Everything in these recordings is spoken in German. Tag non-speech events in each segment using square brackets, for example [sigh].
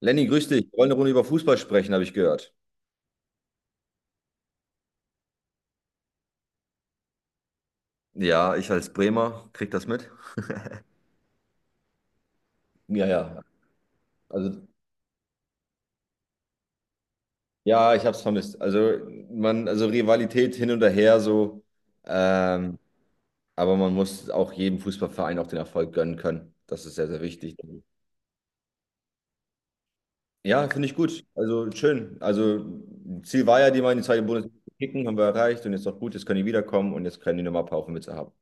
Lenny, grüß dich. Wir wollen eine Runde über Fußball sprechen, habe ich gehört. Ja, ich als Bremer krieg das mit. Ja, ja. Also, ja, ich habe es vermisst. Also, man, also Rivalität hin und her so. Ähm, aber man muss auch jedem Fußballverein auch den Erfolg gönnen können. Das ist sehr, sehr wichtig. Ja, finde ich gut. Also, schön. Also, Ziel war ja, die mal in die zweite Bundesliga zu kicken, haben wir erreicht. Und jetzt noch gut, jetzt können die wiederkommen und jetzt können die nochmal ein paar auf haben.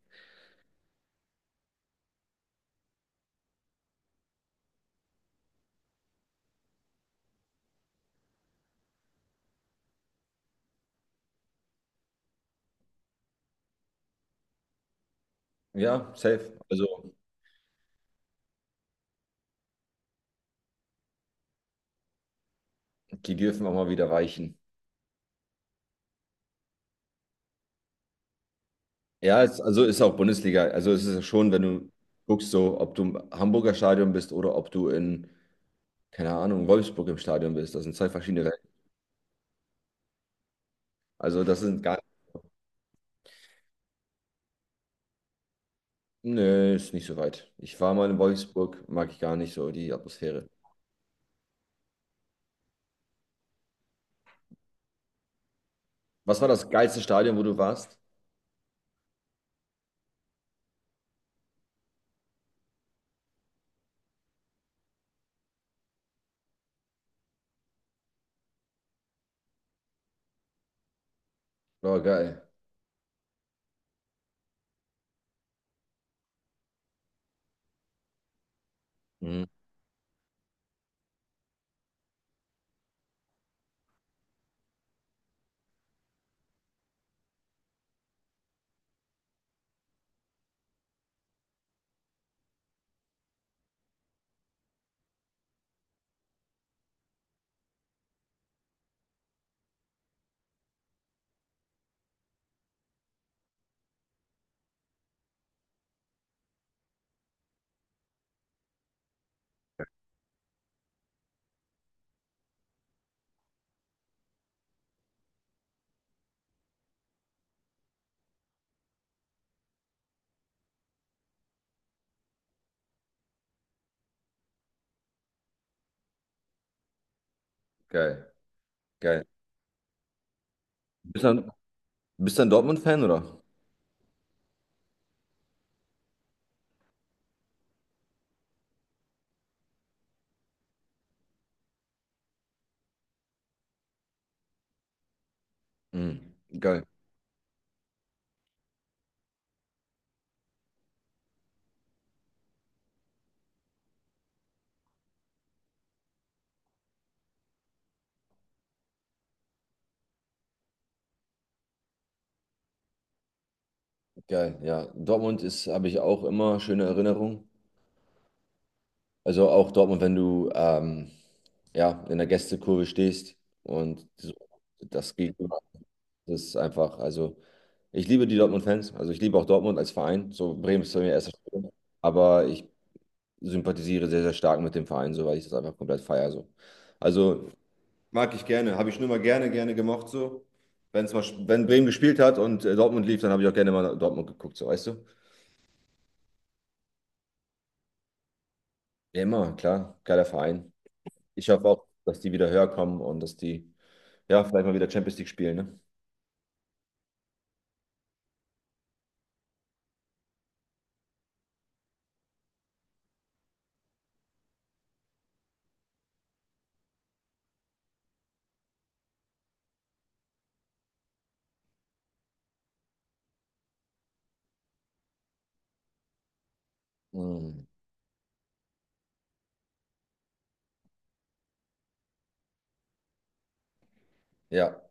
Ja, safe. Also, die dürfen auch mal wieder weichen. Ja, es, also ist auch Bundesliga. Also es ist ja schon, wenn du guckst, so, ob du im Hamburger Stadion bist oder ob du in, keine Ahnung, Wolfsburg im Stadion bist. Das sind zwei verschiedene Welten. Also das sind gar, nee, ist nicht so weit. Ich war mal in Wolfsburg, mag ich gar nicht so die Atmosphäre. Was war das geilste Stadion, wo du warst? War geil. Mhm. Geil, geil. Bist dann, Bist dann Dortmund-Fan, oder? Mhm. Geil, geil, ja. Dortmund ist, habe ich auch immer schöne Erinnerungen. Also auch Dortmund, wenn du ja, in der Gästekurve stehst und so, das Gegenüber, das ist einfach, also ich liebe die Dortmund-Fans, also ich liebe auch Dortmund als Verein, so Bremen ist bei mir erster Stelle, aber ich sympathisiere sehr, sehr stark mit dem Verein, so weil ich das einfach komplett feiere. So. Also mag ich gerne, habe ich schon immer gerne, gerne gemocht so. Wenn's mal, wenn Bremen gespielt hat und Dortmund lief, dann habe ich auch gerne mal Dortmund geguckt, so weißt du? Ja, immer, klar, geiler Verein. Ich hoffe auch, dass die wieder höher kommen und dass die, ja, vielleicht mal wieder Champions League spielen, ne? Mhm. Ja,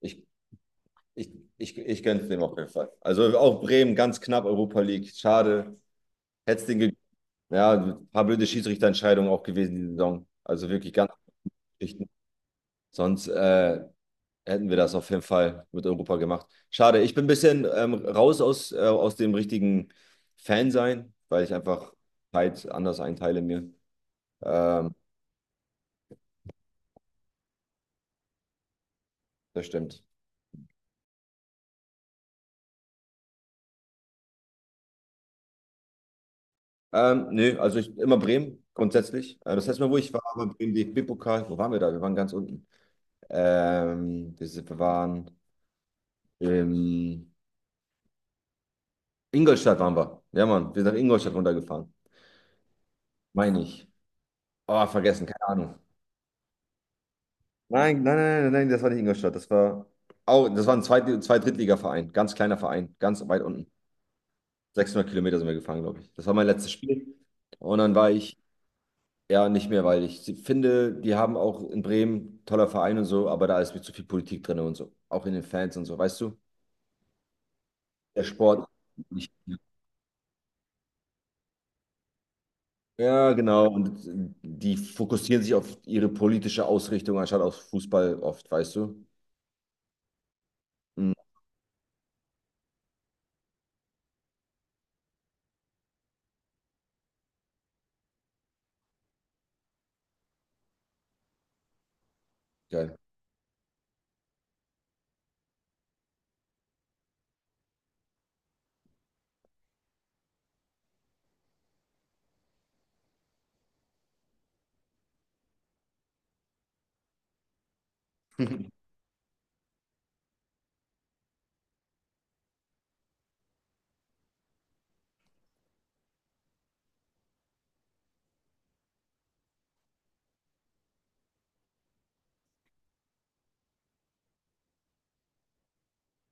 ich, ich, ich gönn's dem auf jeden Fall. Also auch Bremen ganz knapp Europa League. Schade. Hätt's den gegeben. Ja, ein paar blöde Schiedsrichterentscheidungen auch gewesen die Saison. Also wirklich ganz Geschichten. Sonst hätten wir das auf jeden Fall mit Europa gemacht. Schade. Ich bin ein bisschen raus aus dem richtigen Fan sein, weil ich einfach Zeit anders einteile mir. Ähm, Das stimmt. Nö, also ich immer Bremen grundsätzlich. Das heißt Mal, wo ich war, war beim DFB-Pokal. Wo waren wir da? Wir waren ganz unten. Wir waren in Ingolstadt waren wir. Ja, Mann, wir sind nach Ingolstadt runtergefahren. Meine ich. Oh, vergessen, keine Ahnung. Nein, nein, nein, nein, nein, das war nicht Ingolstadt. Das war auch, das war ein Zweit-Drittliga-Verein, ganz kleiner Verein, ganz weit unten. 600 Kilometer sind wir gefahren, glaube ich. Das war mein letztes Spiel. Und dann war ich, ja, nicht mehr, weil ich finde, die haben auch in Bremen toller Verein und so, aber da ist mir zu viel Politik drin und so. Auch in den Fans und so, weißt du? Der Sport. Nicht, ja, genau. Und die fokussieren sich auf ihre politische Ausrichtung anstatt auf Fußball oft, weißt du? Mhm, geil. [laughs]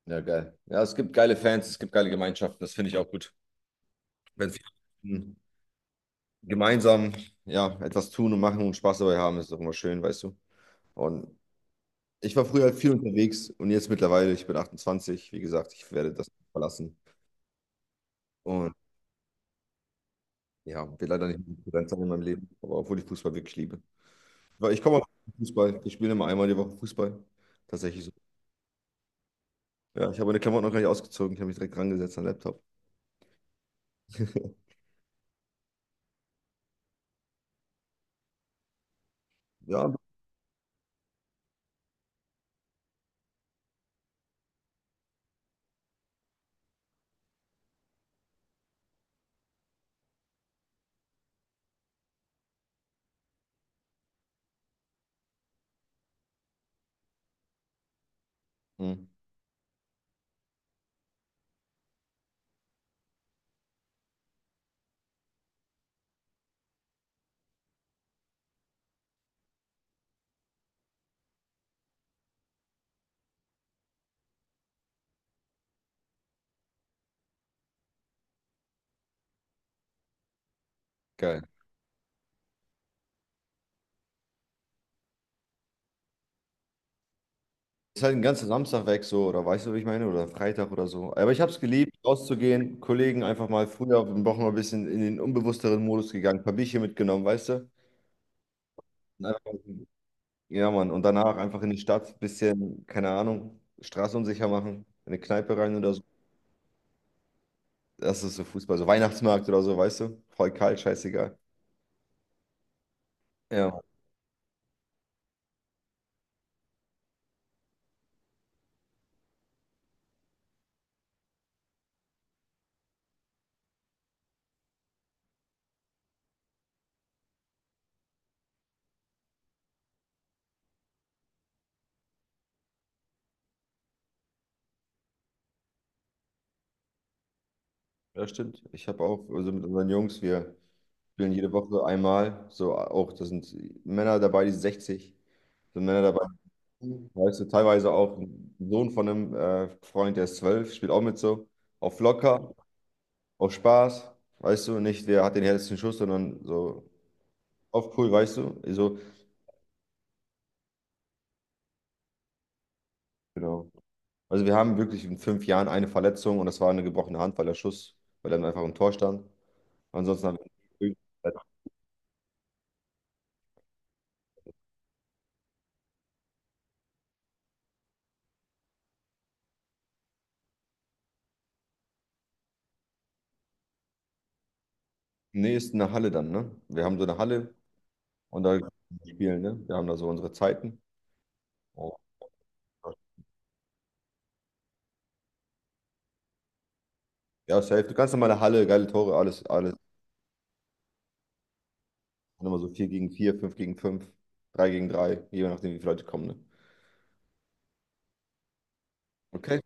Ja, geil. Ja, es gibt geile Fans, es gibt geile Gemeinschaften, das finde ich auch gut. Wenn sie, mhm. gemeinsam, ja, etwas tun und machen und Spaß dabei haben, ist doch immer schön, weißt du? Und ich war früher halt viel unterwegs und jetzt mittlerweile, ich bin 28, wie gesagt, ich werde das verlassen. Und ja, will leider nicht mehr präsent sein in meinem Leben, aber obwohl ich Fußball wirklich liebe. Weil ich komme auf Fußball, ich spiele immer einmal die Woche Fußball. Tatsächlich so. Ja, ich habe meine Klamotten noch gar nicht ausgezogen, ich habe mich direkt rangesetzt an den Laptop. [laughs] Ja. Hm, geil. Ist halt den ganzen Samstag weg so, oder weißt du, wie ich meine? Oder Freitag oder so. Aber ich habe es geliebt, rauszugehen, Kollegen einfach mal früher, wir Wochen mal ein bisschen in den unbewussteren Modus gegangen, ein paar Bierchen mitgenommen, weißt du? Und einfach, ja, Mann. Und danach einfach in die Stadt, bisschen, keine Ahnung, Straße unsicher machen, in eine Kneipe rein oder so. Das ist so Fußball, so Weihnachtsmarkt oder so, weißt du? Voll kalt, scheißegal. Ja, Mann. Ja, stimmt. Ich habe auch, also mit unseren Jungs, wir spielen jede Woche einmal, so auch, da sind Männer dabei, die sind 60, sind Männer dabei, weißt du, teilweise auch ein Sohn von einem Freund, der ist 12, spielt auch mit so, auf locker, auf Spaß, weißt du, nicht, wer hat den härtesten Schuss, sondern so auf cool, weißt du, so, genau. Also wir haben wirklich in 5 Jahren eine Verletzung und das war eine gebrochene Hand, weil der Schuss, weil er einfach im Tor stand. Ansonsten haben wir, nee, ist eine Halle dann, ne? Wir haben so eine Halle und da spielen, ne? Wir haben da so unsere Zeiten. Oh. Ja, safe. Eine ganz normale Halle, geile Tore, alles, alles. Dann immer so 4 gegen 4, 5 gegen 5, 3 gegen 3, je nachdem, wie viele Leute kommen, ne? Okay.